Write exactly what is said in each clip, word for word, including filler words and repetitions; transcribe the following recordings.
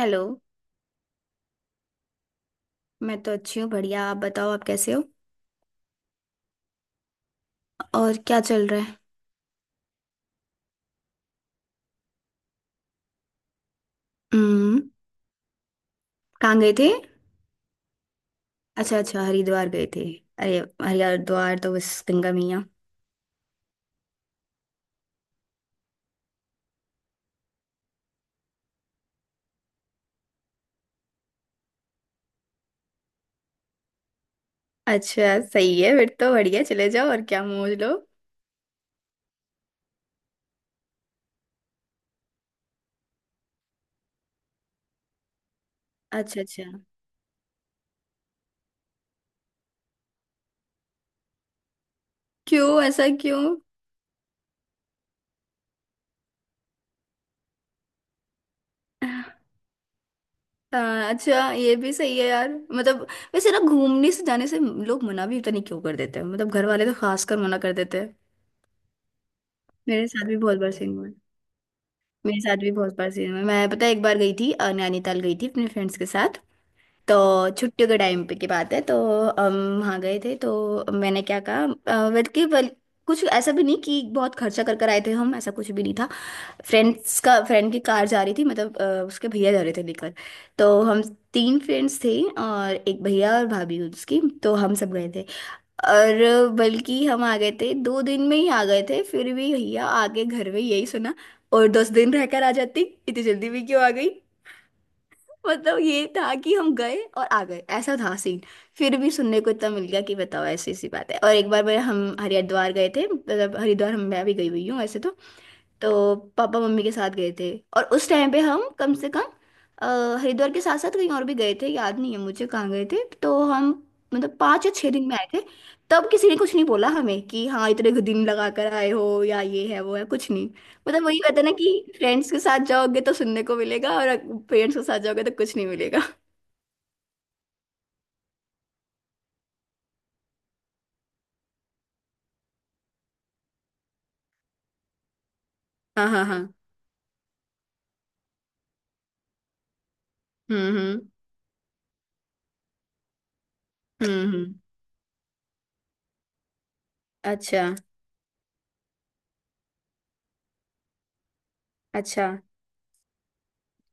Hello. मैं तो अच्छी हूँ, बढ़िया। आप बताओ, आप कैसे हो? और क्या चल रहा है? हम्म। कहाँ गए थे? अच्छा अच्छा, हरिद्वार गए थे। अरे हरिद्वार तो बस गंगा मैया। अच्छा सही है, फिर तो बढ़िया, चले जाओ और क्या मौज लो। अच्छा अच्छा। क्यों, ऐसा क्यों? आ, अच्छा ये भी सही है यार, मतलब वैसे ना, घूमने से, जाने से लोग मना भी पता नहीं क्यों कर देते हैं, मतलब घर वाले तो खास कर मना कर देते हैं। मेरे साथ भी बहुत बार सीन हुआ है। मेरे साथ भी बहुत बार सीन हुआ है। मैं, पता है, एक बार गई थी, अ, नैनीताल गई थी अपने फ्रेंड्स के साथ। तो छुट्टियों के टाइम पे की बात है, तो हम वहाँ गए थे। तो मैंने क्या कहा, अ, बल्कि बल, कुछ ऐसा भी नहीं कि बहुत खर्चा कर कर आए थे हम, ऐसा कुछ भी नहीं था। फ्रेंड्स का, फ्रेंड की कार जा रही थी, मतलब अ, उसके भैया जा रहे थे लेकर। तो हम तीन फ्रेंड्स थे और एक भैया और भाभी उसकी, तो हम सब गए थे। और बल्कि हम आ गए थे, दो दिन में ही आ गए थे। फिर भी भैया आगे घर में यही सुना, और दस दिन रहकर आ जाती, इतनी जल्दी भी क्यों आ गई। मतलब ये था कि हम गए और आ गए, ऐसा था सीन। फिर भी सुनने को इतना मिल गया कि बताओ, ऐसी ऐसी बात है। और एक बार मैं हम हरिद्वार गए थे, मतलब हरिद्वार, हम, मैं भी गई हुई हूँ वैसे तो। तो पापा मम्मी के साथ गए थे। और उस टाइम पे हम कम से कम अ, हरिद्वार के साथ साथ कहीं और भी गए थे, याद नहीं है मुझे कहाँ गए थे। तो हम मतलब पाँच या छः दिन में आए थे। तब किसी ने कुछ नहीं बोला हमें कि हाँ इतने दिन लगा कर आए हो या ये है वो है, कुछ नहीं। मतलब वही कहते हैं ना कि फ्रेंड्स के साथ जाओगे तो सुनने को मिलेगा, और पेरेंट्स के साथ जाओगे तो कुछ नहीं मिलेगा। हाँ हाँ हाँ। हम्म हम्म। हम्म हम्म। अच्छा अच्छा।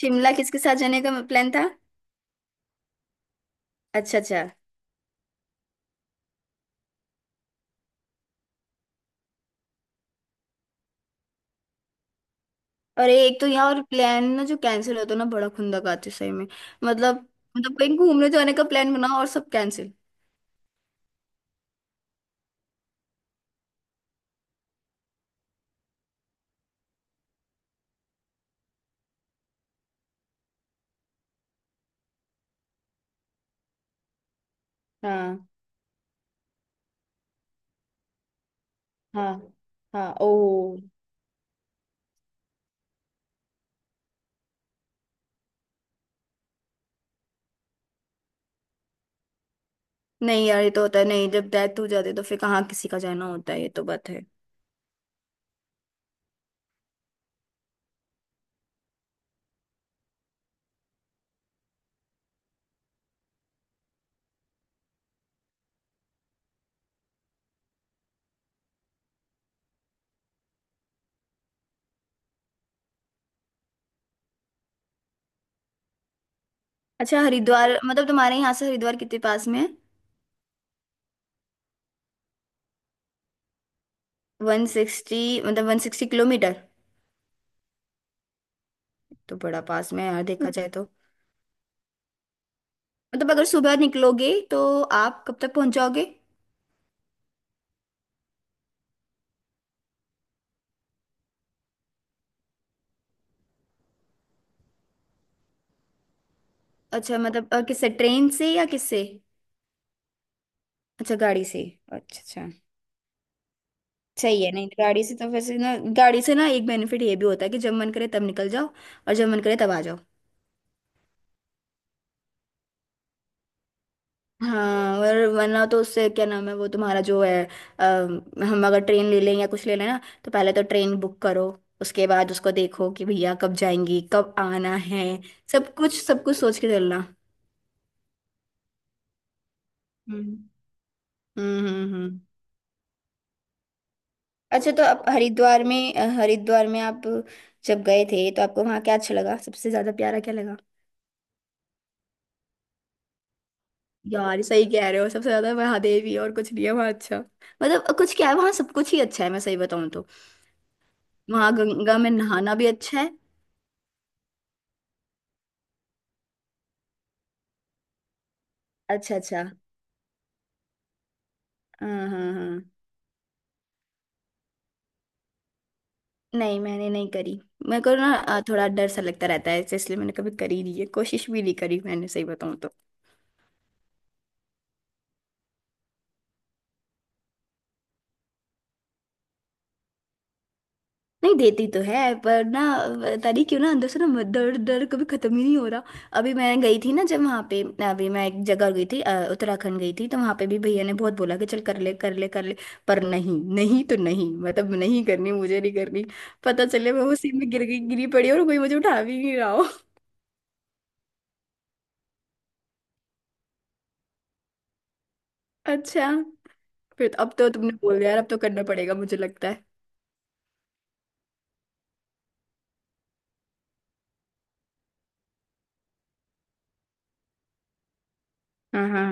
शिमला किसके साथ जाने का प्लान था? अच्छा अच्छा। अरे एक तो यहाँ और, प्लान ना जो कैंसिल होता है ना, बड़ा खुंदक आती है सही में। मतलब, मतलब कहीं घूमने जाने का प्लान बना और सब कैंसिल। हाँ हाँ हाँ। ओ, नहीं यार ये तो होता है। नहीं, जब डेथ हो जाती है तो फिर कहाँ किसी का जाना होता है, ये तो बात है। अच्छा हरिद्वार, मतलब तुम्हारे यहाँ से हरिद्वार कितने पास में है? One sixty. मतलब वन सिक्सटी किलोमीटर? तो बड़ा पास में है यार, देखा जाए तो। मतलब अगर सुबह निकलोगे तो आप कब तक पहुंच जाओगे? अच्छा, मतलब अ, किससे, ट्रेन से या किससे? अच्छा, गाड़ी से। अच्छा अच्छा। सही है, नहीं तो गाड़ी से तो वैसे ना, गाड़ी से ना एक बेनिफिट ये भी होता है कि जब मन करे तब निकल जाओ और जब मन करे तब आ जाओ। हाँ, और वरना तो उससे क्या नाम है, वो तुम्हारा जो है, अ, हम अगर ट्रेन ले लें या कुछ ले लें ना, तो पहले तो ट्रेन बुक करो, उसके बाद उसको देखो कि भैया कब जाएंगी कब आना है, सब कुछ सब कुछ सोच के चलना। हम्म हम्म हम्म। हम्म। अच्छा, तो आप हरिद्वार में, अ, हरिद्वार में आप जब गए थे तो आपको वहाँ क्या अच्छा लगा, सबसे ज्यादा प्यारा क्या लगा? यार ये सही कह रहे हो, सबसे ज्यादा महादेव ही है, और कुछ नहीं है वहाँ। अच्छा, मतलब कुछ, क्या है वहाँ, सब कुछ ही अच्छा है, मैं सही बताऊँ तो। वहाँ गंगा में नहाना भी अच्छा है। अच्छा अच्छा। हाँ हाँ हाँ। नहीं मैंने नहीं करी। मेरे को ना अ, थोड़ा डर सा लगता रहता है, इसलिए मैंने कभी करी नहीं है, कोशिश भी नहीं करी मैंने सही बताऊँ तो। नहीं देती तो है, पर ना तारी क्यों ना अंदर से ना म- दर्द, दर्द कभी खत्म ही नहीं हो रहा। अभी मैं गई थी ना, जब वहाँ पे। अभी मैं एक जगह गई थी, अ, उत्तराखंड गई थी, तो वहाँ पे भी भैया ने बहुत बोला कि चल कर ले कर ले कर ले। पर नहीं, नहीं तो नहीं, मतलब नहीं करनी, मुझे नहीं करनी। पता चले मैं उसी में गिर गई, गिरी पड़ी और कोई मुझे उठा भी नहीं रहा हो। अच्छा फिर तो, अब तो तुमने बोल दिया यार, अब तो करना पड़ेगा मुझे लगता है। हाँ हाँ।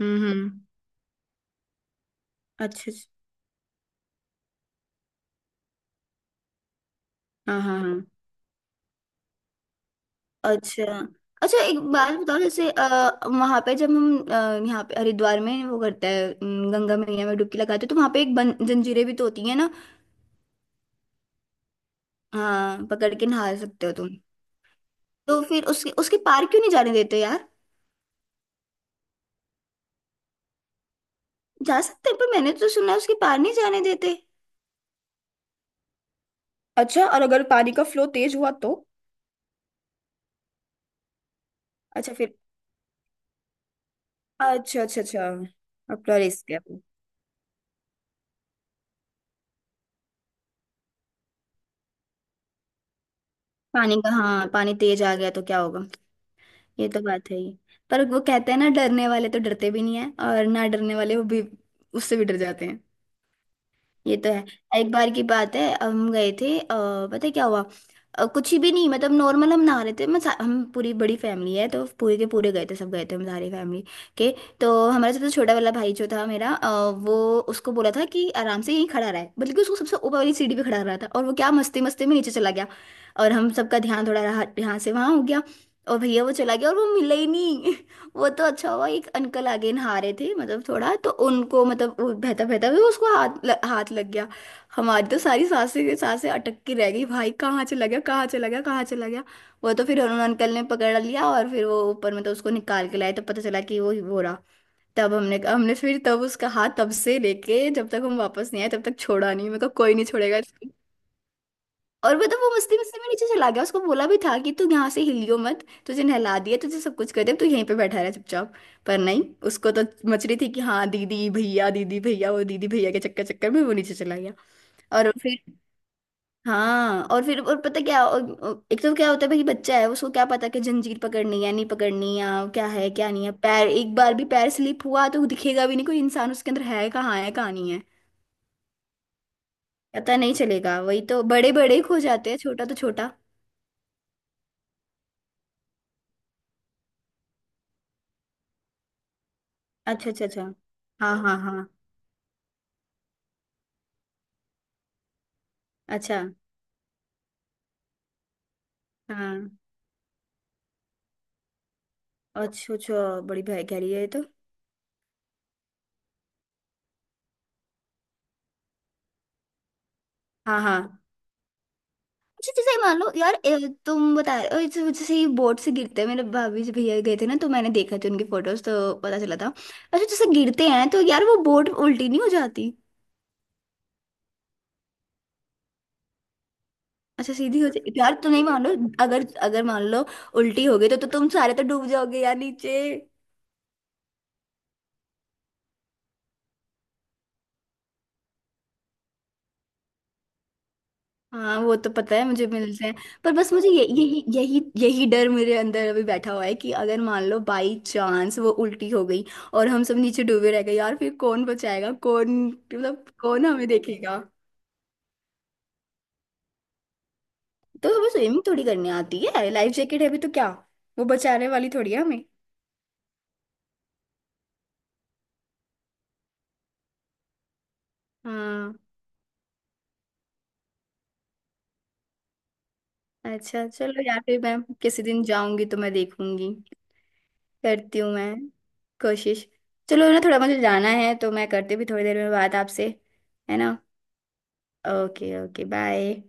हम्म हम्म। अच्छा अच्छा। हाँ हाँ हाँ। अच्छा अच्छा। एक बात बताओ, जैसे वहां पे जब हम, अ, यहाँ पे हरिद्वार में वो करते हैं, अम, गंगा मैया में डुबकी लगाते हैं, तो वहां पे एक बन, जंजीरें भी तो होती है ना। हाँ, पकड़ के नहा सकते हो तुम। तो फिर उसके उसके पार क्यों नहीं जाने देते यार? जा सकते हैं, पर मैंने तो सुना है उसके पार नहीं जाने देते। अच्छा, और अगर पानी का फ्लो तेज हुआ तो? अच्छा फिर। अच्छा अच्छा अच्छा। अपना रिस्क है। पानी का, हाँ पानी तेज आ गया तो क्या होगा? ये तो बात है ही। पर वो कहते हैं ना, डरने वाले तो डरते भी नहीं है, और ना डरने वाले वो भी उससे भी डर जाते। ये तो है। एक बार की बात है, हम गए थे, अ, पता है क्या हुआ? अ, कुछ ही भी नहीं, मतलब नॉर्मल हम नहा रहे थे। मैं सा- हम पूरी बड़ी फैमिली है, तो पूरे के पूरे गए थे, सब गए थे हम सारी फैमिली के। तो हमारा सबसे छोटा वाला भाई जो था मेरा, अ, वो उसको बोला था कि आराम से यहीं खड़ा रहा है, बल्कि उसको सबसे ऊपर वाली सीढ़ी पे खड़ा रहा था, और वो क्या मस्ती मस्ती में नीचे चला गया। और हम सबका ध्यान थोड़ा रहा, यहाँ से वहाँ हो गया। और भैया वो चला गया और वो मिला ही नहीं। वो तो अच्छा हुआ, एक अंकल आगे नहा रहे थे, मतलब थोड़ा तो उनको, मतलब वो बहता बहता भी उसको हाथ ल, हाथ लग गया। हमारी तो सारी सांसें की सांसें अटक के रह गई भाई, कहाँ चला गया कहाँ चला गया कहाँ चला गया। वो तो फिर उन्होंने, अंकल ने पकड़ लिया, और फिर वो ऊपर, मतलब उसको निकाल के लाए, तो पता चला कि वो ही वो रहा। तब हमने हमने फिर तब उसका हाथ तब से लेके जब तक हम वापस नहीं आए तब तक छोड़ा नहीं, मेरे को कोई नहीं छोड़ेगा। और मतलब वो मस्ती मस्ती में नीचे चला गया, उसको बोला भी था कि तू यहाँ से हिलियो मत, तुझे नहला दिया तुझे सब कुछ कर दिया, अब तू यहीं पे बैठा रहा चुपचाप। पर नहीं, उसको तो मच रही थी कि हाँ दीदी भैया दीदी भैया, वो दीदी भैया के चक्कर चक्कर में वो नीचे चला गया। और फिर, हाँ और फिर, और पता क्या, और- और एक तो क्या होता है भाई, बच्चा है, उसको क्या पता कि जंजीर पकड़नी है नहीं पकड़नी या क्या है क्या नहीं है। पैर एक बार भी पैर स्लिप हुआ तो दिखेगा भी नहीं कोई इंसान, उसके अंदर है कहाँ है कहाँ नहीं है, पता नहीं चलेगा। वही तो बड़े बड़े खो जाते हैं, छोटा तो छोटा। अच्छा अच्छा अच्छा। हाँ हाँ हाँ। अच्छा। हाँ। अच्छा अच्छा, बड़ी भाई कह रही है ये तो। हाँ हाँ। अच्छा जैसे ही मान लो यार, ए, तुम बता अ, जैसे जैसे ही बोट से गिरते हैं, मेरे भाभी जी भैया गए थे ना, तो मैंने देखा थे उनके फोटोज, तो पता चला था। अच्छा जैसे गिरते हैं तो यार वो बोट उल्टी नहीं हो जाती? अच्छा सीधी हो जाती यार, तुम नहीं मान लो, अगर अगर मान लो उल्टी हो गई तो, तो तुम सारे तो डूब जाओगे यार नीचे। हाँ वो तो पता है, मुझे मिलते हैं। पर बस मुझे ये यही यही यही डर मेरे अंदर अभी बैठा हुआ है कि अगर मान लो बाई चांस वो उल्टी हो गई और हम सब नीचे डूबे रह गए यार, फिर कौन बचाएगा, कौन मतलब कौन हमें देखेगा। तो हमें स्विमिंग थोड़ी करनी आती है, लाइफ जैकेट है भी तो क्या, वो बचाने वाली थोड़ी है हमें। हाँ। अच्छा चलो यार फिर मैं किसी दिन जाऊंगी तो मैं देखूंगी, करती हूँ मैं कोशिश। चलो ना, थोड़ा मुझे जाना है, तो मैं करती भी थोड़ी देर में बात आपसे, है ना? Okay okay bye.